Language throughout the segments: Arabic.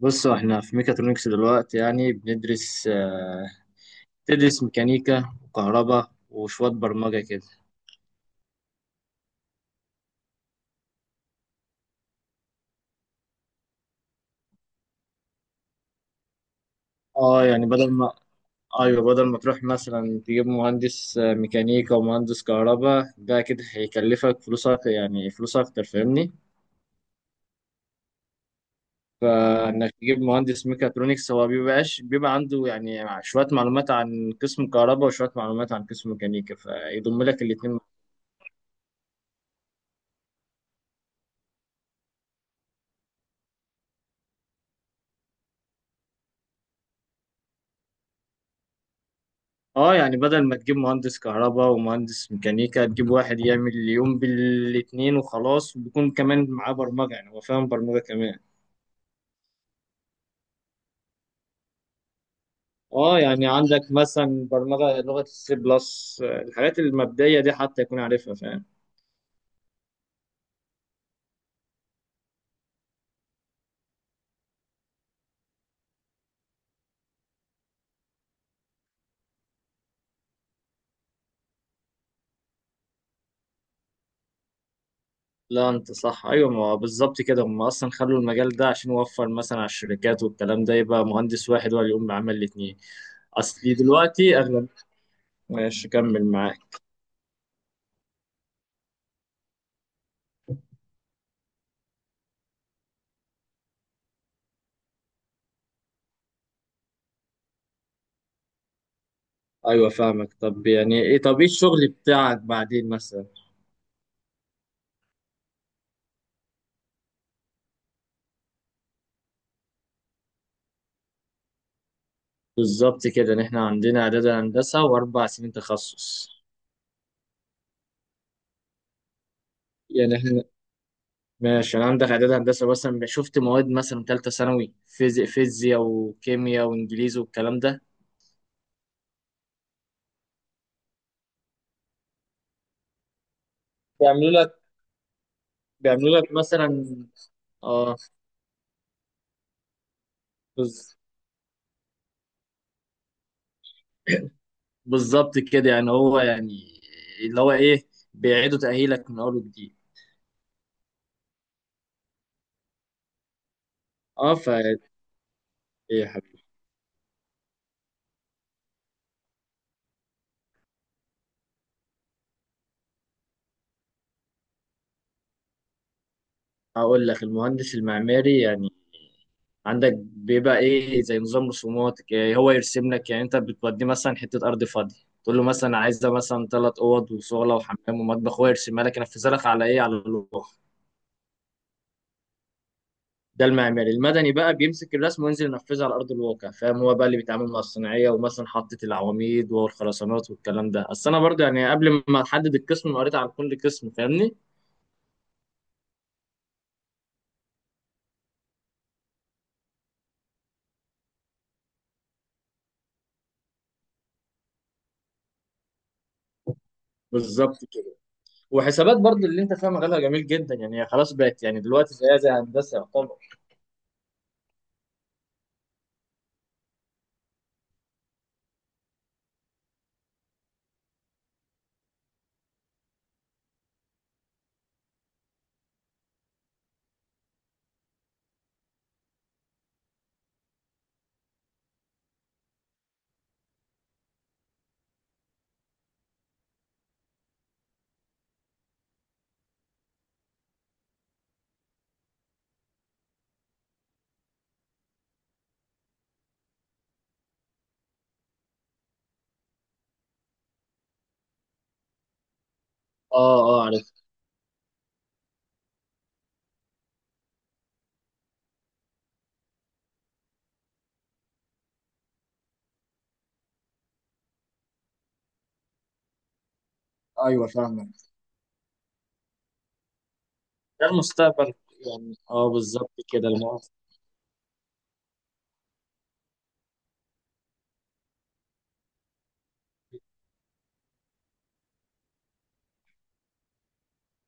بص، احنا في ميكاترونكس دلوقتي يعني بندرس آه، بتدرس ميكانيكا وكهرباء وشوية برمجة كده. اه يعني بدل ما ايوه، بدل ما تروح مثلا تجيب مهندس ميكانيكا ومهندس كهرباء، ده كده هيكلفك فلوسك يعني فلوس اكتر، فاهمني؟ فانك تجيب مهندس ميكاترونكس، هو بيبقى عنده يعني شوية معلومات عن قسم كهرباء وشوية معلومات عن قسم ميكانيكا، فيضم لك الاتنين. اه يعني بدل ما تجيب مهندس كهرباء ومهندس ميكانيكا، تجيب واحد يعمل اليوم بالاتنين وخلاص، وبيكون كمان معاه برمجة، يعني هو فاهم برمجة كمان. اه يعني عندك مثلا برمجة لغة السي بلس، الحاجات المبدئية دي حتى يكون عارفها فاهم. لا، انت صح. ايوه، ما هو بالظبط كده، هم اصلا خلوا المجال ده عشان يوفر مثلا على الشركات والكلام ده، يبقى مهندس واحد هو اللي يقوم بعمل الاتنين. اصلي دلوقتي اغلب ماشي كمل معاك. ايوه فاهمك. طب ايه الشغل بتاعك بعدين مثلا؟ بالظبط كده، ان احنا عندنا اعداد هندسه واربع سنين تخصص. يعني احنا ماشي، انا عندك اعداد هندسه، مثلا شفت مواد مثلا ثالثه ثانوي، فيزياء وكيمياء وانجليزي والكلام ده. بيعملوا لك بيعملوا لك مثلا. اه، بز- بالظبط كده، يعني هو يعني اللي هو ايه، بيعيدوا تاهيلك من اول وجديد. اه ف ايه، يا حبيبي. هقول لك: المهندس المعماري يعني عندك بيبقى ايه زي نظام رسومات، إيه هو يرسم لك، يعني انت بتوديه مثلا حته ارض فاضيه، تقول له مثلا عايز ده مثلا ثلاث اوض وصاله وحمام ومطبخ، هو يرسمها لك ينفذها لك على ايه على اللوح. ده المعماري. المدني بقى بيمسك الرسم وينزل ينفذها على ارض الواقع، فاهم؟ هو بقى اللي بيتعامل مع الصناعيه، ومثلا حاطط العواميد والخرسانات والكلام ده. اصل انا برضه يعني قبل ما احدد القسم، أنا قريت عن كل قسم، فاهمني. بالظبط، وحسابات برضه اللي انت فاهم مجالها جميل جدا، يعني هي خلاص بقت يعني دلوقتي زيها زي هندسه يعتبر. اه اه عارف. ايوه فاهمك. ده المستقبل. يعني اه بالظبط كده المواقف.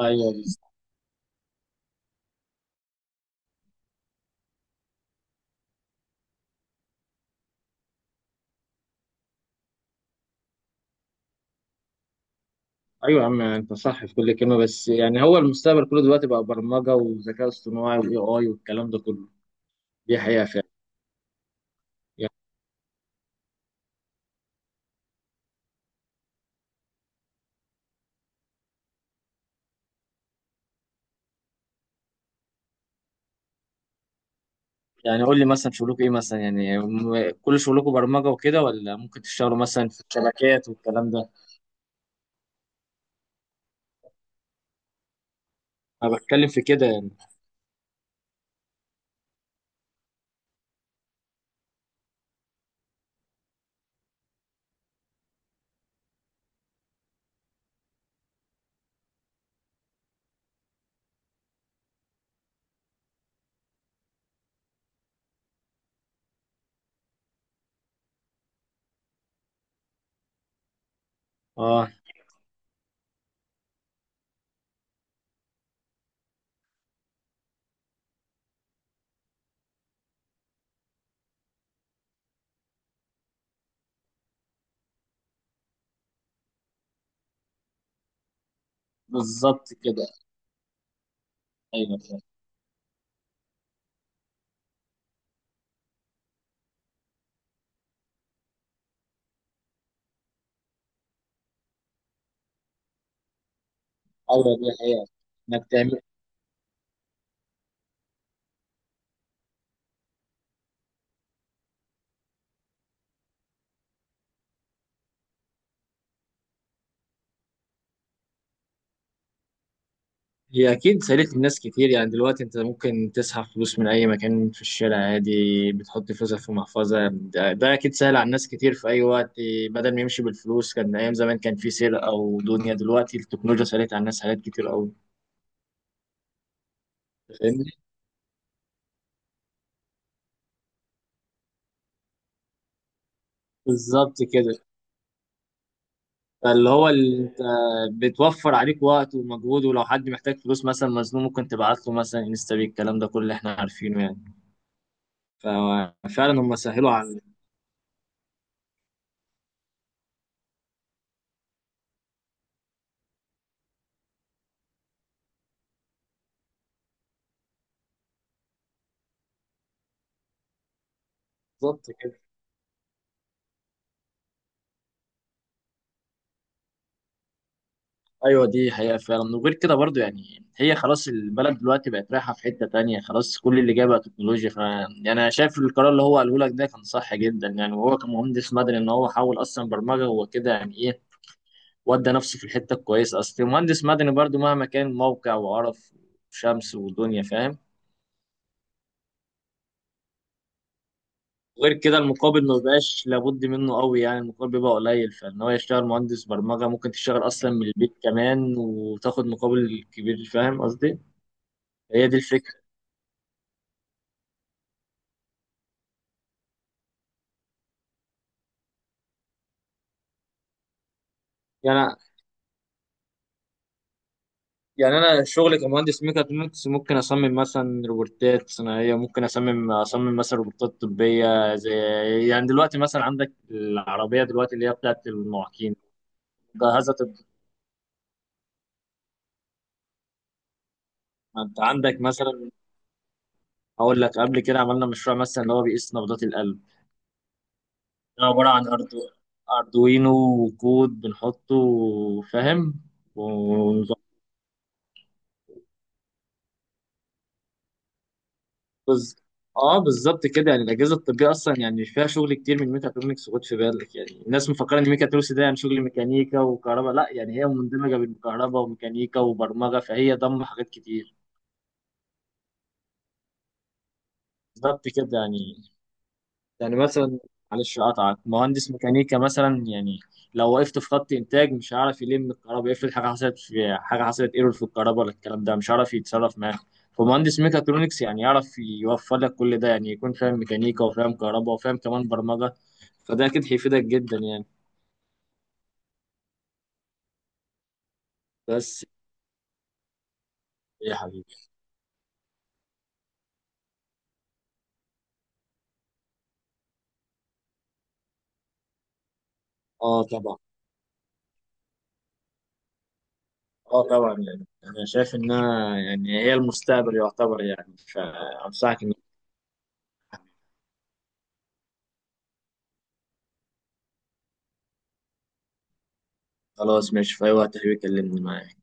ايوه بس. ايوه يا عم، انت صح في كل كلمه، بس يعني هو المستقبل كله دلوقتي بقى برمجه وذكاء اصطناعي واي اي والكلام ده كله. دي حقيقه فعلا. يعني يعني قول لي مثلا شغلكم ايه مثلا، يعني كل شغلكم برمجه وكده ولا ممكن تشتغلوا مثلا في الشبكات والكلام ده؟ انا بتكلم في كده يعني. اه بالظبط كده. ايوه. ايوه دي حقيقة. انك تعمل. هي اكيد سالت الناس كتير، يعني دلوقتي انت ممكن تسحب فلوس من اي مكان في الشارع عادي، بتحط فلوسك في محفظة، ده اكيد سهل على الناس كتير في اي وقت. بدل ما يمشي بالفلوس كان ايام زمان كان في سرقة او دنيا، دلوقتي التكنولوجيا سالت على الناس حاجات كتير قوي، فاهمني. بالظبط كده. فاللي هو اللي انت بتوفر عليك وقت ومجهود، ولو حد محتاج فلوس مثلا مزنوق ممكن تبعت له مثلا انستا بي، الكلام ده كله احنا عارفينه يعني. ففعلا هم سهلوا على. بالظبط. ايوه دي حقيقة فعلا، وغير كده برضو يعني هي خلاص البلد دلوقتي بقت رايحة في حتة تانية، خلاص كل اللي جاي بقى تكنولوجيا، ف يعني انا شايف القرار اللي هو قاله لك ده كان صح جدا، يعني وهو كمهندس مدني، ان هو حاول اصلا برمجة هو كده يعني ايه، ودى نفسه في الحتة الكويسة. اصل المهندس مدني برضو مهما كان موقع وعرف وشمس ودنيا، فاهم؟ غير كده المقابل ما بقاش لابد منه قوي، يعني المقابل بيبقى قليل، فان هو يشتغل مهندس برمجة ممكن تشتغل اصلا من البيت كمان وتاخد مقابل كبير، فاهم قصدي؟ هي دي الفكرة. يعني يعني انا شغلي كمهندس ميكاترونكس ممكن اصمم مثلا روبوتات صناعيه، ممكن اصمم مثلا روبوتات طبيه زي، يعني دلوقتي مثلا عندك العربيه دلوقتي اللي هي بتاعت المعاقين، جهازة طب. ما انت عندك مثلا. هقول لك: قبل كده عملنا مشروع مثلا اللي هو بيقيس نبضات القلب، ده عباره عن اردوينو وكود بنحطه، فاهم. بز... اه بالظبط كده، يعني الاجهزه الطبيه اصلا يعني فيها شغل كتير من ميكاترونكس، خد في بالك يعني الناس مفكره ان ميكاترونكس ده يعني شغل ميكانيكا وكهرباء، لا يعني هي مندمجه بين كهرباء وميكانيكا وبرمجه، فهي ضم حاجات كتير. بالظبط كده يعني مثلا، معلش اقطعك، مهندس ميكانيكا مثلا يعني لو وقفت في خط انتاج مش هعرف يلم الكهرباء، افرض حاجه حصلت ايرور في الكهرباء ولا الكلام ده، مش هعرف يتصرف معاه. فمهندس ميكاترونكس يعني يعرف يوفر لك كل ده، يعني يكون فاهم ميكانيكا وفاهم كهرباء وفاهم كمان برمجه، فده اكيد هيفيدك جدا يعني. بس، يا حبيبي. اه طبعا. اه طبعا، يعني انا شايف انها يعني هي المستقبل يعتبر يعني، فانصحك انك. خلاص ماشي، في اي وقت حبيبي كلمني معاك.